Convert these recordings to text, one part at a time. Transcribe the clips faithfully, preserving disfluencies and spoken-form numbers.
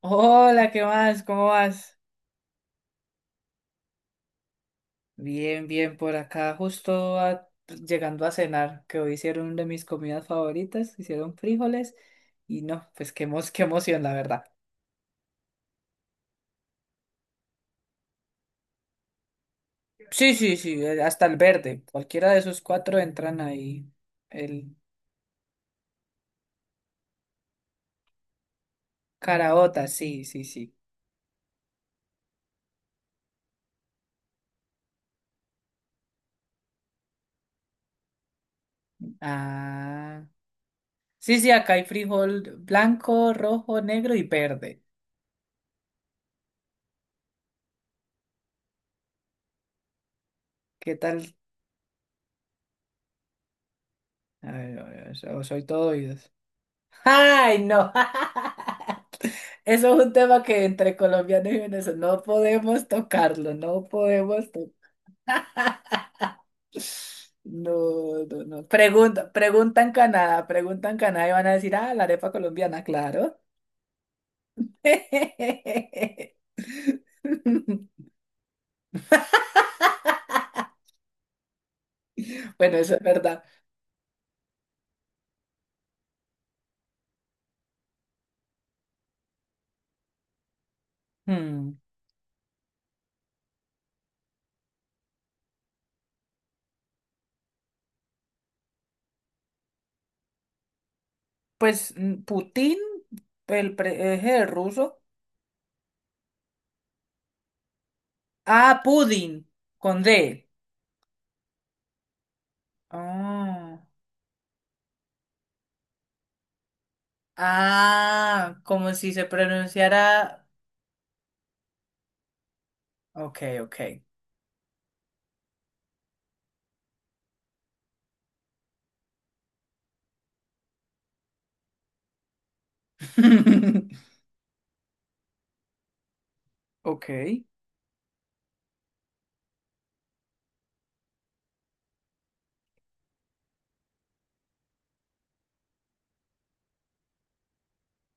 Hola, ¿qué más? ¿Cómo vas? Bien, bien, por acá justo a- llegando a cenar, que hoy hicieron una de mis comidas favoritas, hicieron frijoles y no, pues qué, emo- qué emoción, la verdad. Sí, sí, sí, eh, hasta el verde, cualquiera de esos cuatro entran ahí. El caraota, sí, sí, sí. Ah, sí, sí, acá hay frijol blanco, rojo, negro y verde. ¿Qué tal? Ay, ay, ay, so- soy todo oídos. ¡Ay, no! Eso es un tema que entre colombianos y venezolanos no podemos tocarlo, no podemos to- No, no, no. Pregunta, pregunta en Canadá, pregunta en Canadá y van a decir, ah, la arepa colombiana, claro. Bueno, eso es verdad. Hmm. Pues mm, Putin, el pre- es el ruso. Ah, Pudding, con D. Ah, ah, como si se pronunciara. Ok, ok. Ok.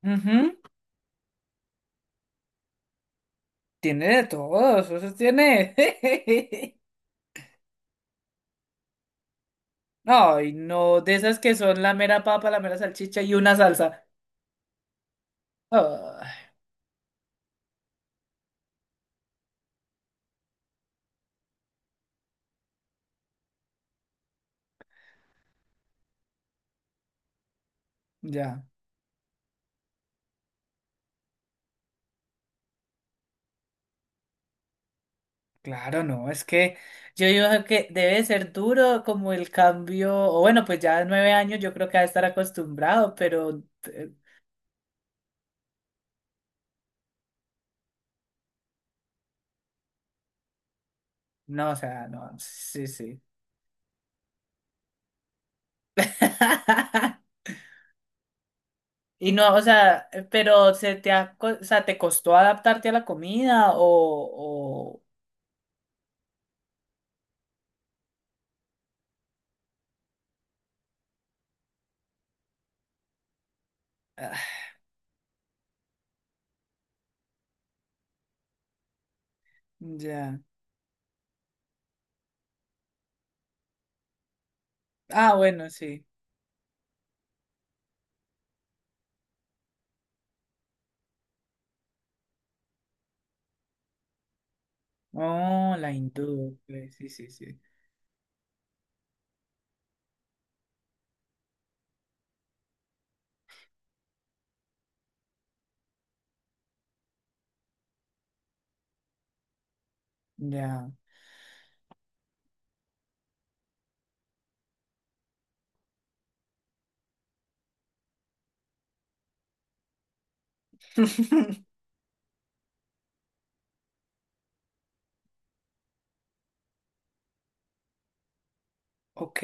Ujú. Tiene de todos, eso tiene. Ay, no, de esas que son la mera papa, la mera salchicha y una salsa. Ah, ya, claro, no, es que yo digo que debe ser duro como el cambio, o bueno, pues ya nueve años yo creo que ha de estar acostumbrado, pero eh, no, o sea, no, sí, sí. Y no, o sea, eh, pero se te ha co- o sea, ¿te costó adaptarte a la comida o, o... ah, ya. Ah, bueno, sí. Oh, la hindú. Pues, sí, sí, sí. Ya. Ok.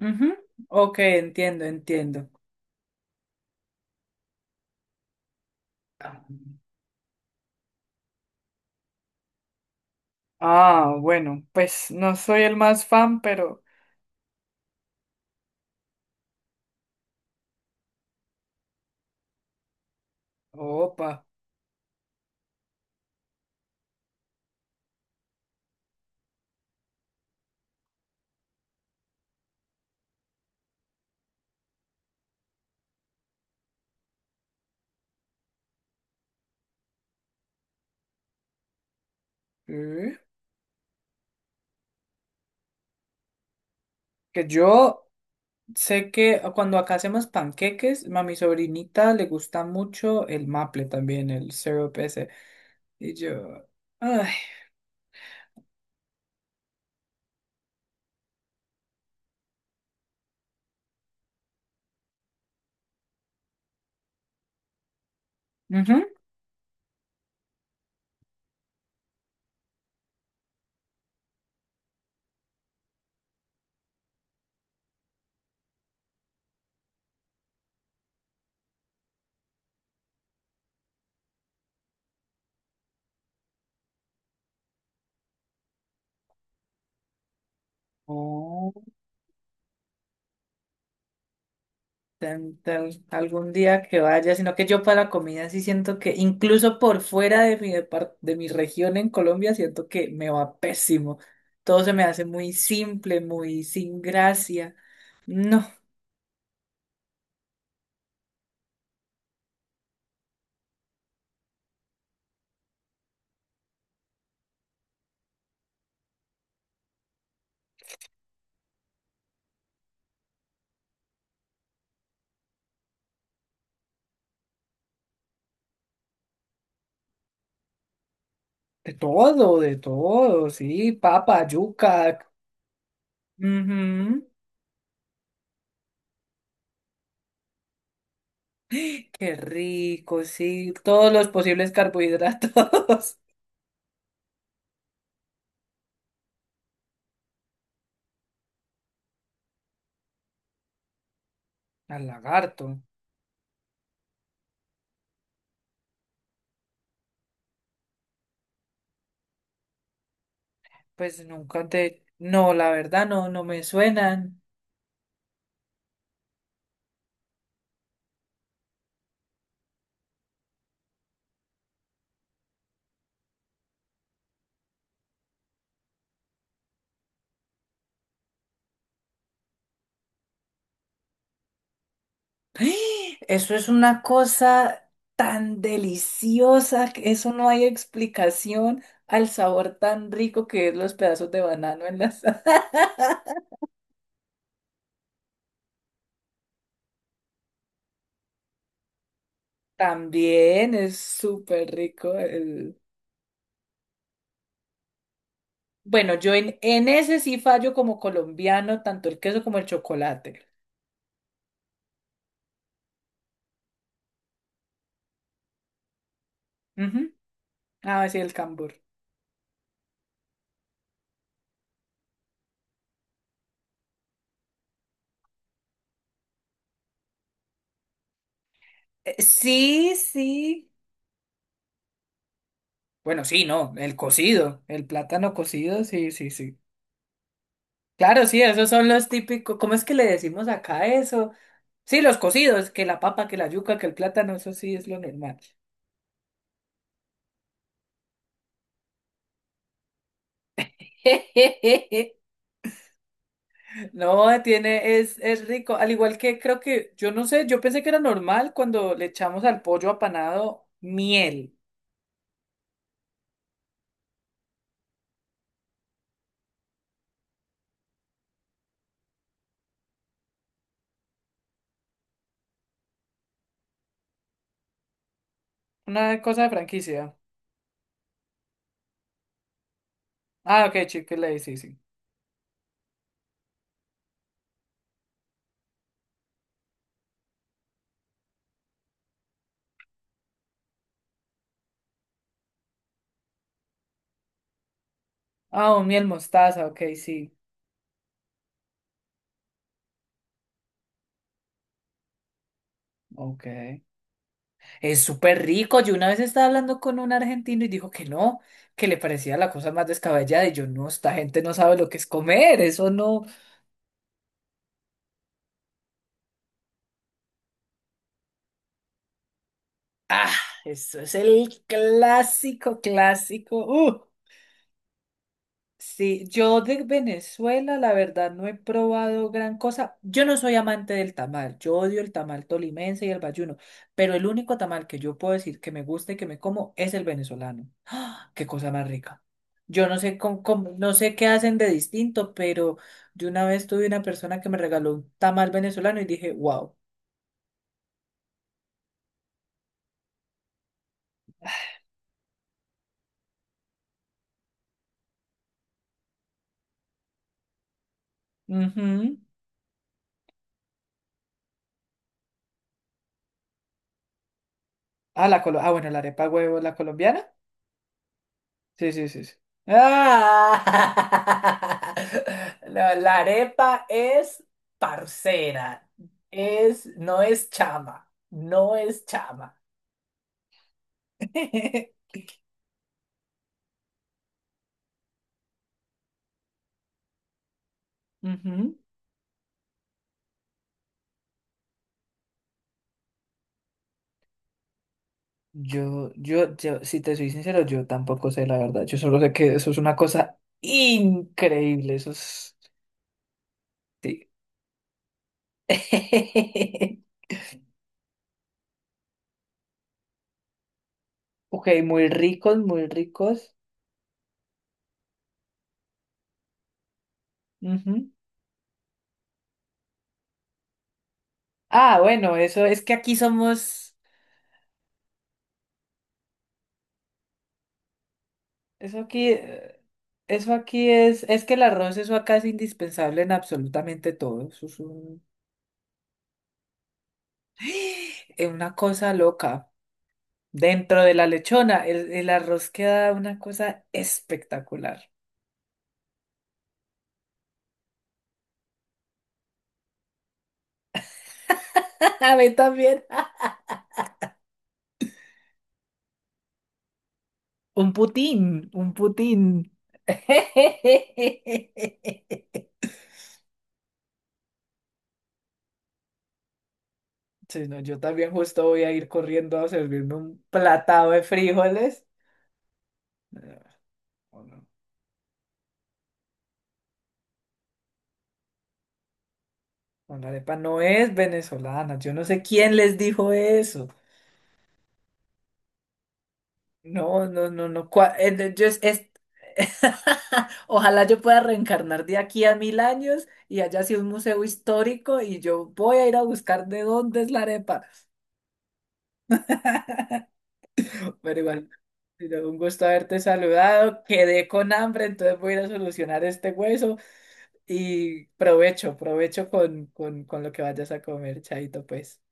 Ujú. Ok, entiendo, entiendo. Ah, bueno, pues no soy el más fan, pero Opa. ¿Eh? Que yo sé que cuando acá hacemos panqueques, a mi sobrinita le gusta mucho el maple también, el syrup ese. Y yo. Ay. Ujú. Tan- tal- algún día que vaya, sino que yo para la comida sí siento que incluso por fuera de mi, depar- de mi región en Colombia siento que me va pésimo. Todo se me hace muy simple, muy sin gracia. No, de todo, de todo, sí, papa, yuca. Ujú. Qué rico, sí, todos los posibles carbohidratos. Al lagarto, pues nunca te... No, la verdad no, no me suenan. ¡Ah! Eso es una cosa tan deliciosa, que eso no hay explicación al sabor tan rico que es los pedazos de banano en la salsa. También es súper rico el... Bueno, yo en, en ese sí fallo como colombiano, tanto el queso como el chocolate. Ujú. Ah, sí, el cambur. Eh, sí, sí. Bueno, sí, no, el cocido, el plátano cocido, sí, sí, sí. Claro, sí, esos son los típicos, ¿cómo es que le decimos acá eso? Sí, los cocidos, que la papa, que la yuca, que el plátano, eso sí es lo normal. No, tiene, es, es rico. Al igual que creo que, yo no sé, yo pensé que era normal cuando le echamos al pollo apanado miel. Una cosa de franquicia. Ah, ok, chick sí, sí. Ah, un miel mostaza, ok, sí. Ok. Es súper rico. Yo una vez estaba hablando con un argentino y dijo que no, que le parecía la cosa más descabellada. Y yo, no, esta gente no sabe lo que es comer, eso no. Ah, eso es el clásico, clásico. ¡Uh! Sí, yo de Venezuela, la verdad, no he probado gran cosa. Yo no soy amante del tamal, yo odio el tamal tolimense y el bayuno, pero el único tamal que yo puedo decir que me gusta y que me como es el venezolano. ¡Ah! ¡Qué cosa más rica! Yo no sé cómo, cómo- no sé qué hacen de distinto, pero yo una vez tuve una persona que me regaló un tamal venezolano y dije, wow. Ujú. Ah, la colo- ah, bueno, la arepa huevo, la colombiana. Sí, sí, sí, sí. ¡Ah! La, la arepa es parcera, es, no es chama, no es chama. Ujú. Yo, yo, yo, si te soy sincero, yo tampoco sé la verdad. Yo solo sé que eso es una cosa increíble. Eso es. Sí. Ok, muy ricos, muy ricos. Ujú. Ah, bueno, eso es que aquí somos. Eso aquí, eh, eso aquí es, es que el arroz, eso acá es indispensable en absolutamente todo. Eso es un- es una cosa loca. Dentro de la lechona, el, el arroz queda una cosa espectacular. A mí también. Un putín, un putín. Sí, no, yo también justo voy a ir corriendo a servirme un platado de frijoles. Eh, No, la arepa no es venezolana. Yo no sé quién les dijo eso. No, no, no, no. Cua- eh, eh, yo es, es- Ojalá yo pueda reencarnar de aquí a mil años y haya sido un museo histórico y yo voy a ir a buscar de dónde es la arepa. Pero igual, pero un gusto haberte saludado. Quedé con hambre, entonces voy a ir a solucionar este hueso y provecho, provecho con, con, con lo que vayas a comer, chaito, pues.